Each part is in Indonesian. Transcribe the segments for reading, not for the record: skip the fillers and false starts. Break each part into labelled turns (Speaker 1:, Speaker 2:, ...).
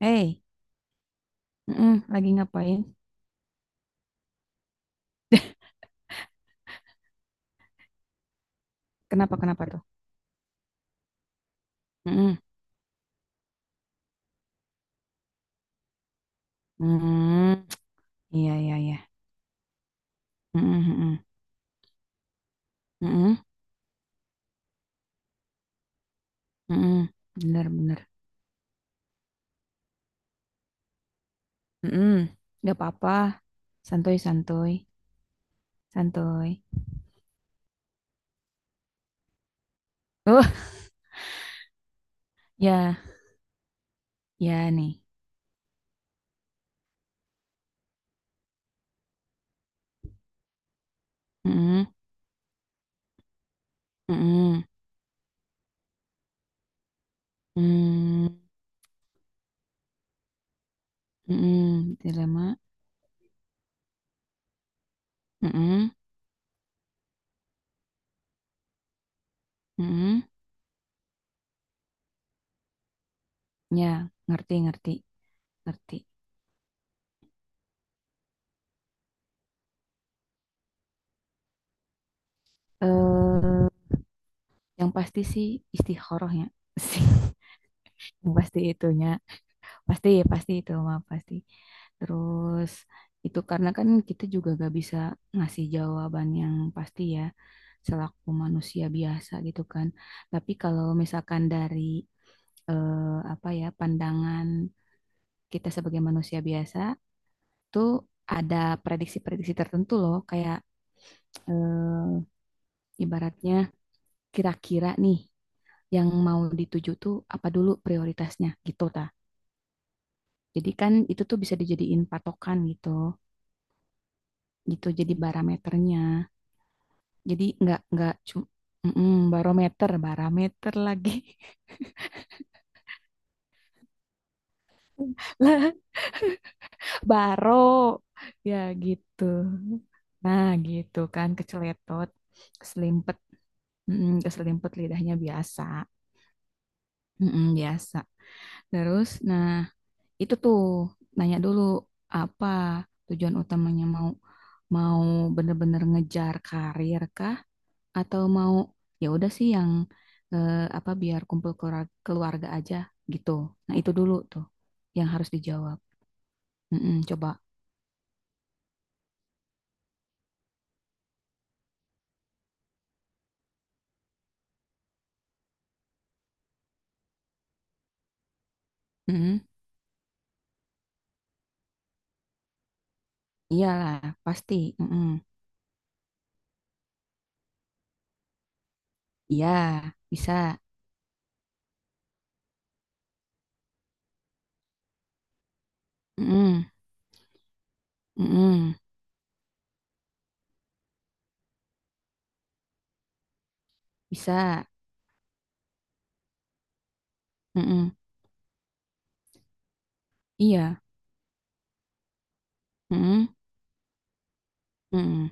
Speaker 1: Hey, mm-mm, lagi ngapain? Kenapa kenapa tuh? Mm-mm. Mm, iya iya iya. Mm-mm, mm-mm, mm-mm, mm-mm. Bener bener. Mm-mm. Gak apa-apa. Santuy santuy santuy. Oh ya ya nih. Mm-mm, mm-mm, mm, mm-mm. Dilema. Mm-mm, mm-mm. Ya ngerti ngerti ngerti. Eh yang pasti sih istikharah ya. Yang pasti itunya. Pasti, pasti itu mah pasti. Terus itu karena kan kita juga gak bisa ngasih jawaban yang pasti ya selaku manusia biasa gitu kan. Tapi kalau misalkan dari apa ya pandangan kita sebagai manusia biasa tuh ada prediksi-prediksi tertentu loh kayak eh, ibaratnya kira-kira nih yang mau dituju tuh apa dulu prioritasnya gitu ta. Jadi kan itu tuh bisa dijadiin patokan gitu. Gitu jadi barometernya, jadi nggak cuma barometer barometer lagi. Lah, baro, ya gitu. Nah gitu kan keceletot keselimpet, mm, keselimpet lidahnya biasa. Mm biasa. Terus nah itu tuh nanya dulu apa tujuan utamanya, mau mau bener-bener ngejar karir kah, atau mau ya udah sih yang apa biar kumpul keluarga, keluarga aja gitu. Nah, itu dulu tuh yang harus dijawab. Mm-mm, coba. Mm-mm. Iyalah, pasti. Mm-mm. Iya, bisa. Mm-mm. Mm-mm. Bisa. Mm-mm. Iya. Mm-mm. Mm-mm.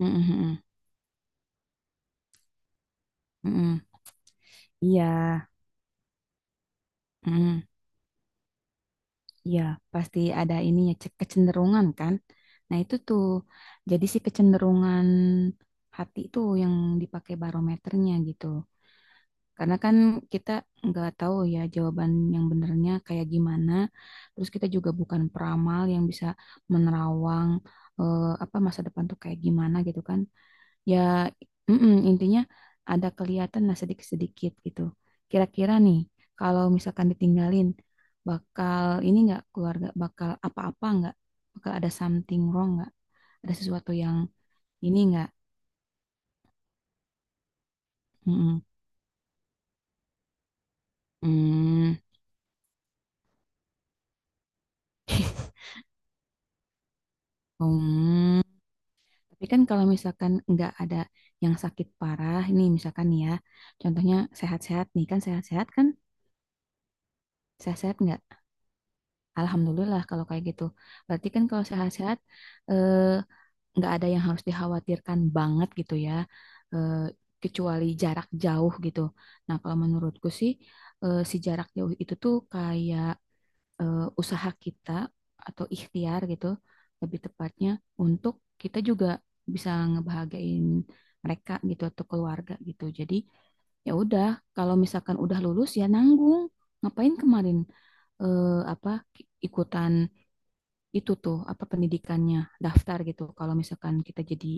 Speaker 1: Mm-mm. Mm-mm. Iya. Mm-mm. Iya, pasti ada ininya, kecenderungan kan. Nah, itu tuh jadi si kecenderungan hati itu yang dipakai barometernya gitu. Karena kan kita nggak tahu ya jawaban yang benernya kayak gimana. Terus kita juga bukan peramal yang bisa menerawang apa masa depan tuh kayak gimana gitu kan. Ya mm-mm, intinya ada kelihatan lah sedikit-sedikit gitu. Kira-kira nih kalau misalkan ditinggalin bakal ini nggak, keluarga bakal apa-apa nggak, bakal ada something wrong nggak, ada sesuatu yang ini nggak. Mm-mm. Hmm. Hmm. Tapi kan kalau misalkan nggak ada yang sakit parah, ini misalkan nih ya, contohnya sehat-sehat nih kan, sehat-sehat kan, sehat-sehat nggak? Alhamdulillah kalau kayak gitu. Berarti kan kalau sehat-sehat, eh, nggak ada yang harus dikhawatirkan banget gitu ya, eh, kecuali jarak jauh gitu. Nah, kalau menurutku sih, si jarak jauh itu tuh kayak usaha kita atau ikhtiar gitu, lebih tepatnya untuk kita juga bisa ngebahagiain mereka gitu atau keluarga gitu. Jadi ya udah, kalau misalkan udah lulus ya nanggung, ngapain kemarin apa ikutan itu tuh apa pendidikannya daftar gitu kalau misalkan kita jadi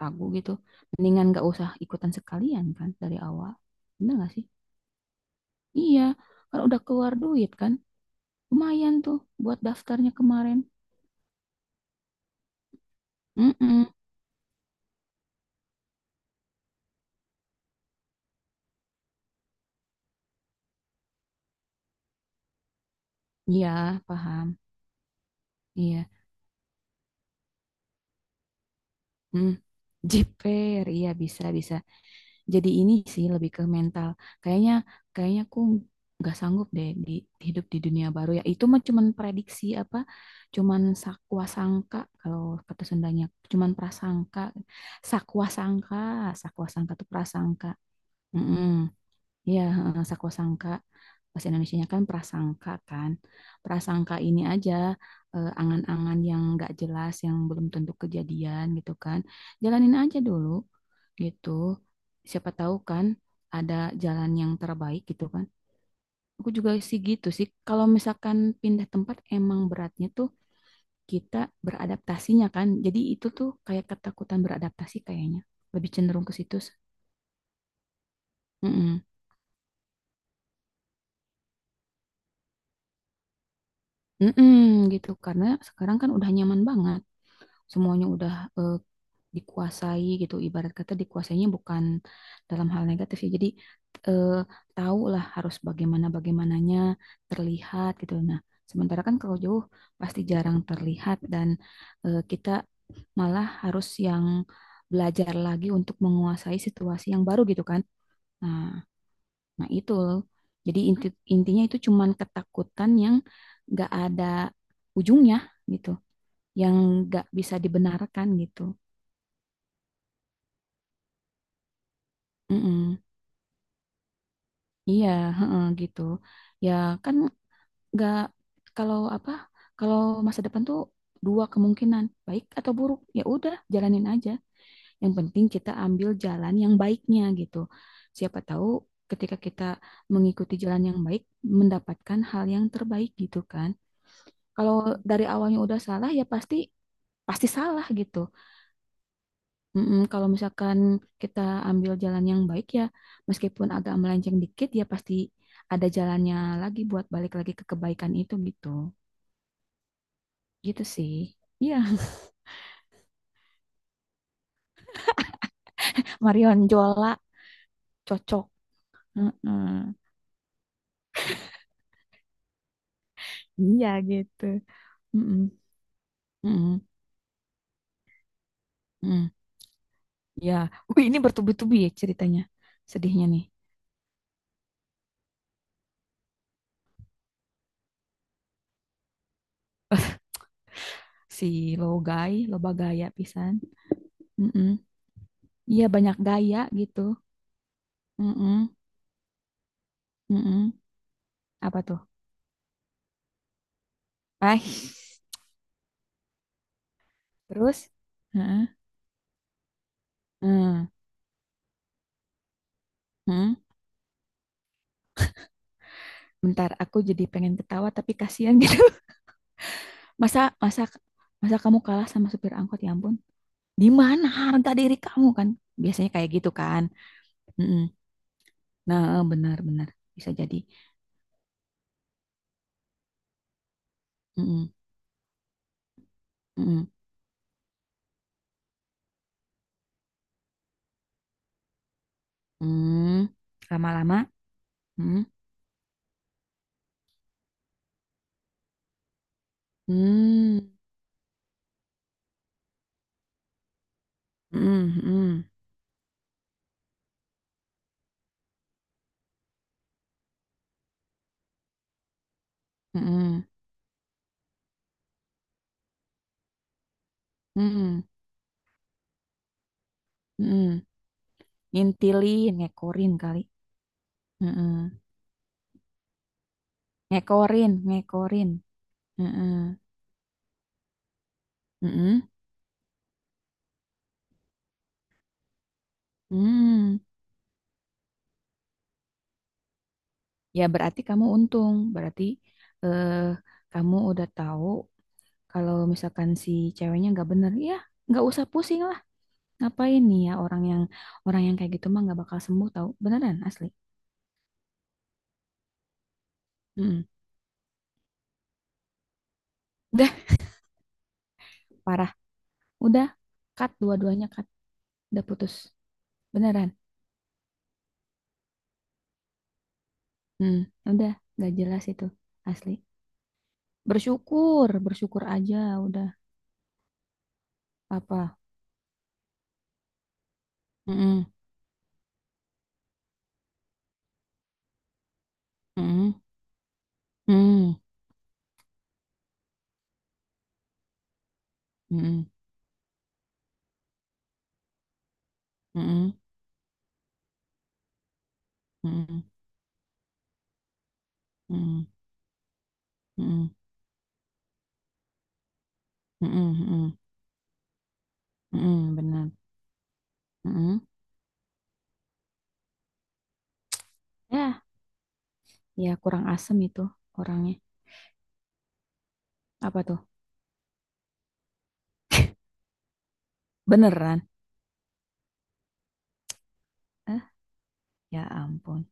Speaker 1: ragu gitu. Mendingan nggak usah ikutan sekalian kan dari awal, bener nggak sih, iya, kan udah keluar duit kan, lumayan tuh buat daftarnya kemarin. Mm, iya, paham, iya, mm. Jiper, iya, bisa bisa. Jadi ini sih lebih ke mental. Kayaknya kayaknya aku nggak sanggup deh di hidup di dunia baru ya. Itu mah cuman prediksi apa? Cuman sakwa sangka kalau kata Sundanya, cuman prasangka. Sakwa sangka, sakwa sangka tuh prasangka. Mm-mm. Iya, heeh, sakosangka. Bahasa Indonesianya kan. Prasangka ini aja angan-angan yang nggak jelas, yang belum tentu kejadian gitu kan. Jalanin aja dulu gitu. Siapa tahu kan ada jalan yang terbaik gitu kan. Aku juga sih gitu sih. Kalau misalkan pindah tempat emang beratnya tuh kita beradaptasinya kan. Jadi itu tuh kayak ketakutan beradaptasi kayaknya. Lebih cenderung ke situ. Mm-mm. Mm-mm, gitu karena sekarang kan udah nyaman banget, semuanya udah eh, dikuasai gitu, ibarat kata dikuasainya bukan dalam hal negatif ya, jadi eh, tahu lah harus bagaimana bagaimananya terlihat gitu. Nah, sementara kan kalau jauh pasti jarang terlihat dan kita malah harus yang belajar lagi untuk menguasai situasi yang baru gitu kan. Nah, nah itu jadi intinya itu cuman ketakutan yang nggak ada ujungnya gitu, yang nggak bisa dibenarkan gitu. Mm-mm. Iya, heeh, gitu. Ya kan nggak, kalau apa kalau masa depan tuh dua kemungkinan baik atau buruk, ya udah jalanin aja. Yang penting kita ambil jalan yang baiknya gitu. Siapa tahu ketika kita mengikuti jalan yang baik mendapatkan hal yang terbaik gitu kan. Kalau dari awalnya udah salah ya pasti pasti salah gitu. Mm-mm, kalau misalkan kita ambil jalan yang baik ya, meskipun agak melenceng dikit, ya pasti ada jalannya lagi buat balik lagi ke kebaikan itu gitu. Gitu sih. Iya, Marion Jola cocok. Mm-mm. Iya gitu. Mm-mm, mm-mm, mm. Ya, wih, ini bertubi-tubi ya ceritanya. Sedihnya nih. Si Logai, loba gaya pisan. Mm-mm. Iya, banyak gaya gitu. Mm-mm, mm-mm. Apa tuh? Eh, terus? Heeh. Hmm, hmm. Bentar, aku jadi pengen ketawa tapi kasihan gitu. Masa masa masa kamu kalah sama supir angkot, ya ampun. Di mana harga diri kamu kan? Biasanya kayak gitu kan. Mm-mm. Nah, eh, benar benar bisa jadi. Mm-mm, mm-mm, mm. Lama-lama. Mm. Mm. Mm-mm, mm-mm, mm-mm, mm. Mm. Ngintilin, ngekorin kali. Mm-mm. Ngekorin, ngekorin. Mm-mm, mm-mm, mm. Ya, berarti kamu untung. Berarti eh, kamu udah tahu kalau misalkan si ceweknya nggak bener, ya nggak usah pusing lah. Ngapain nih ya orang yang kayak gitu mah nggak bakal sembuh tahu. Beneran asli. Mm-mm. Udah parah. Udah cut, dua-duanya cut. Udah putus. Beneran. Hmm, udah nggak jelas itu asli. Bersyukur, bersyukur aja udah apa. Mm-mm. Mm-mm. Mm-mm. Mm-mm. Mm-mm. Mm-mm. Mm-mm. Mm-mm. Mm-mm. Mm-mm, bener. Mm-mm. Ya, ya kurang asem itu orangnya. Apa tuh? Beneran? Eh, ya ampun.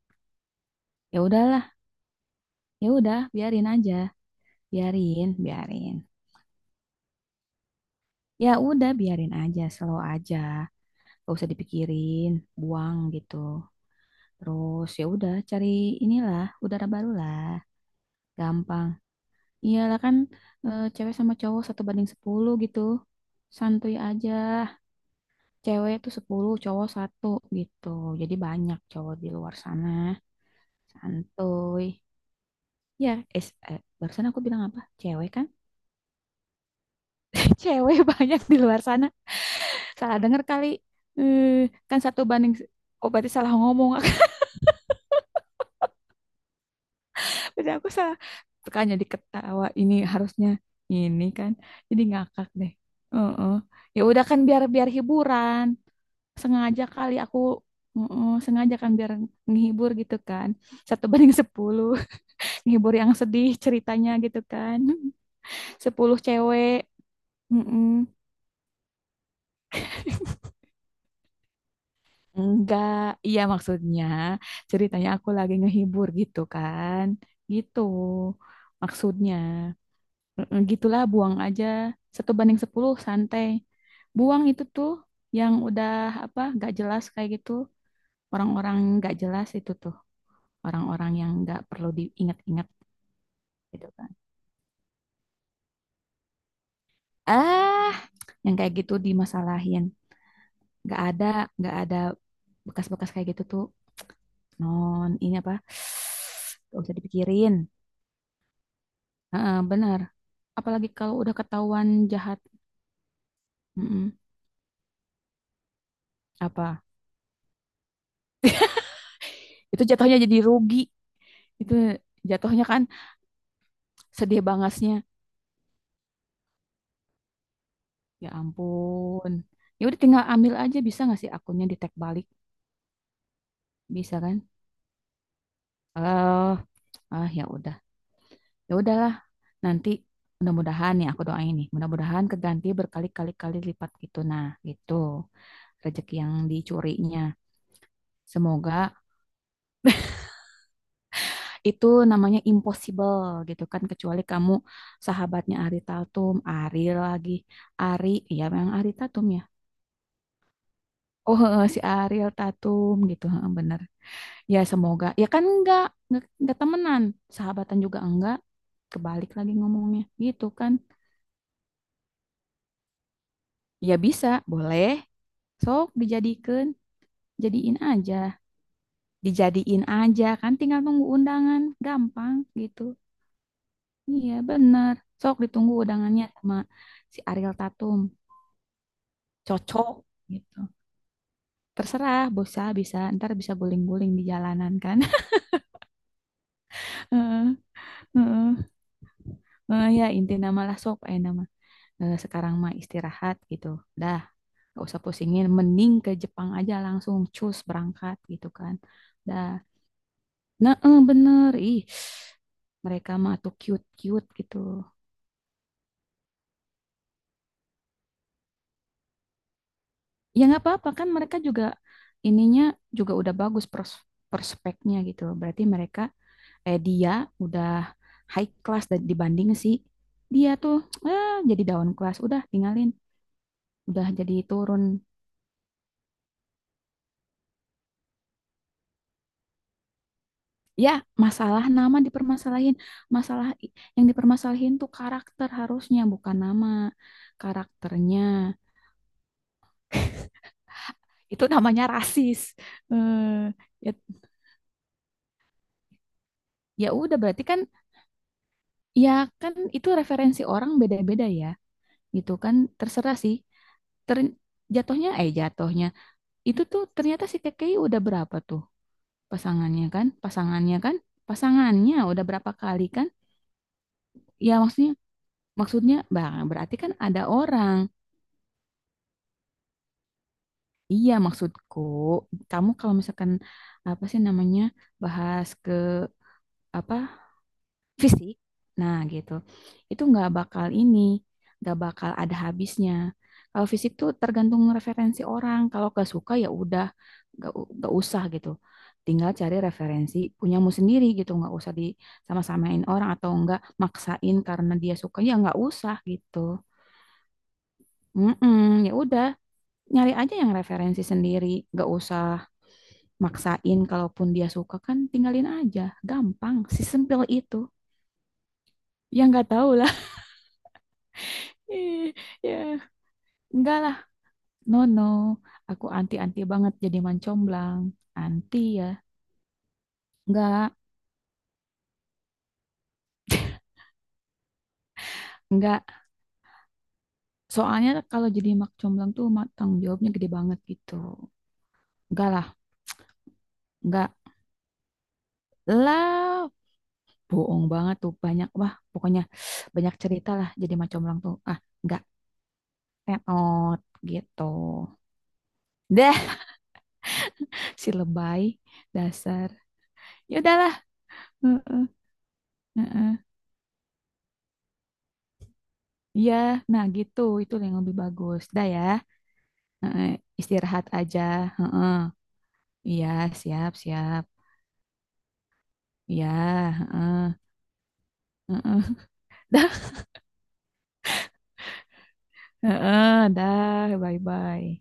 Speaker 1: Ya udahlah, ya udah, biarin aja, biarin, biarin. Ya udah, biarin aja, slow aja, gak usah dipikirin, buang gitu. Terus ya udah, cari inilah udara baru lah, gampang. Iyalah kan cewek sama cowok satu banding 10 gitu, santuy aja. Cewek tuh 10 cowok satu gitu. Jadi banyak cowok di luar sana. Santuy. Ya, barusan aku bilang apa? Cewek kan? Cewek banyak di luar sana. Salah denger kali. Eh, kan satu banding, oh berarti salah ngomong. Berarti aku salah. Suka jadi ketawa. Ini harusnya ini kan. Jadi ngakak deh. Heeh. Ya udah kan biar biar hiburan. Sengaja kali aku. Heeh, sengaja kan biar nghibur gitu kan. Satu banding sepuluh. Menghibur yang sedih ceritanya gitu kan. Sepuluh cewek. Mm-mm. Enggak, iya maksudnya ceritanya aku lagi ngehibur gitu kan. Gitu maksudnya. Mm-mm, gitulah buang aja. Satu banding sepuluh santai. Buang itu tuh yang udah apa gak jelas kayak gitu. Orang-orang gak jelas itu tuh. Orang-orang yang gak perlu diingat-ingat gitu kan. Ah, yang kayak gitu dimasalahin. nggak ada nggak ada bekas-bekas kayak gitu tuh, non ini apa, nggak usah dipikirin. Heeh, benar, apalagi kalau udah ketahuan jahat. Mm-mm. Apa itu jatuhnya jadi rugi, itu jatuhnya kan sedih bangasnya, ya ampun. Ya udah tinggal ambil aja, bisa nggak sih akunnya di tag balik, bisa kan. eh ya udah, ya udahlah, nanti mudah-mudahan ya, aku doain nih mudah-mudahan keganti berkali-kali kali lipat gitu. Nah gitu, rezeki yang dicurinya. Semoga itu namanya impossible gitu kan, kecuali kamu sahabatnya Ari Tatum, Ari lagi, Ari ya memang Ari Tatum ya. Oh si Ariel Tatum gitu, bener. Ya semoga ya kan enggak temenan, sahabatan juga enggak. Kebalik lagi ngomongnya gitu kan. Ya bisa, boleh. Sok dijadikan, jadiin aja. Dijadiin aja kan tinggal nunggu undangan, gampang gitu. Iya, bener. Sok ditunggu undangannya sama si Ariel Tatum. Cocok gitu. Terserah, bisa, bisa. Ntar bisa guling-guling di jalanan kan. Heeh, heeh. Eh, ya, inti nama lah sok. Eh, nama. Eh, sekarang mah istirahat gitu. Dah, gak usah pusingin. Mending ke Jepang aja langsung. Cus, berangkat gitu kan. Dah. Nah, eh, bener. Ih, mereka mah tuh cute-cute gitu. Ya nggak apa-apa kan mereka juga ininya juga udah bagus prospeknya gitu loh. Berarti mereka dia udah high class, dan dibanding si dia tuh jadi down class, udah tinggalin, udah jadi turun. Ya masalah nama dipermasalahin, yang dipermasalahin tuh karakter harusnya, bukan nama karakternya. Itu namanya rasis. eh Ya, ya udah berarti kan ya, kan itu referensi orang beda-beda ya gitu kan, terserah sih. ter Jatuhnya jatuhnya itu tuh ternyata si KKI udah berapa tuh, pasangannya kan pasangannya udah berapa kali kan. Ya maksudnya Maksudnya bang berarti kan ada orang. Iya maksudku, kamu kalau misalkan apa sih namanya bahas ke apa fisik. Nah, gitu. Itu nggak bakal ini, nggak bakal ada habisnya. Kalau fisik tuh tergantung referensi orang. Kalau nggak suka ya udah, nggak usah gitu. Tinggal cari referensi punyamu sendiri gitu, nggak usah di sama-samain orang atau nggak maksain karena dia suka ya nggak usah gitu. Mm-mm, ya udah, nyari aja yang referensi sendiri, nggak usah maksain. Kalaupun dia suka kan tinggalin aja, gampang, sesimpel itu. Ya nggak tahu lah. Ih, ya. Enggak lah, no no. Aku anti-anti banget jadi mancomblang. Anti ya. Enggak, enggak. Soalnya kalau jadi mak comblang tuh tanggung jawabnya gede banget gitu. Enggak lah, enggak lah. Bohong banget tuh banyak, wah pokoknya banyak cerita lah jadi mak comblang tuh. Ah, enggak. Tetot gitu. Dah si lebay dasar. Ya udahlah. Heeh, heeh. Iya, nah gitu itu yang lebih bagus. Dah ya. Heeh, istirahat aja. Heeh. Iya, siap, siap. Iya, heeh, heeh. Dah, heeh, dah, bye-bye.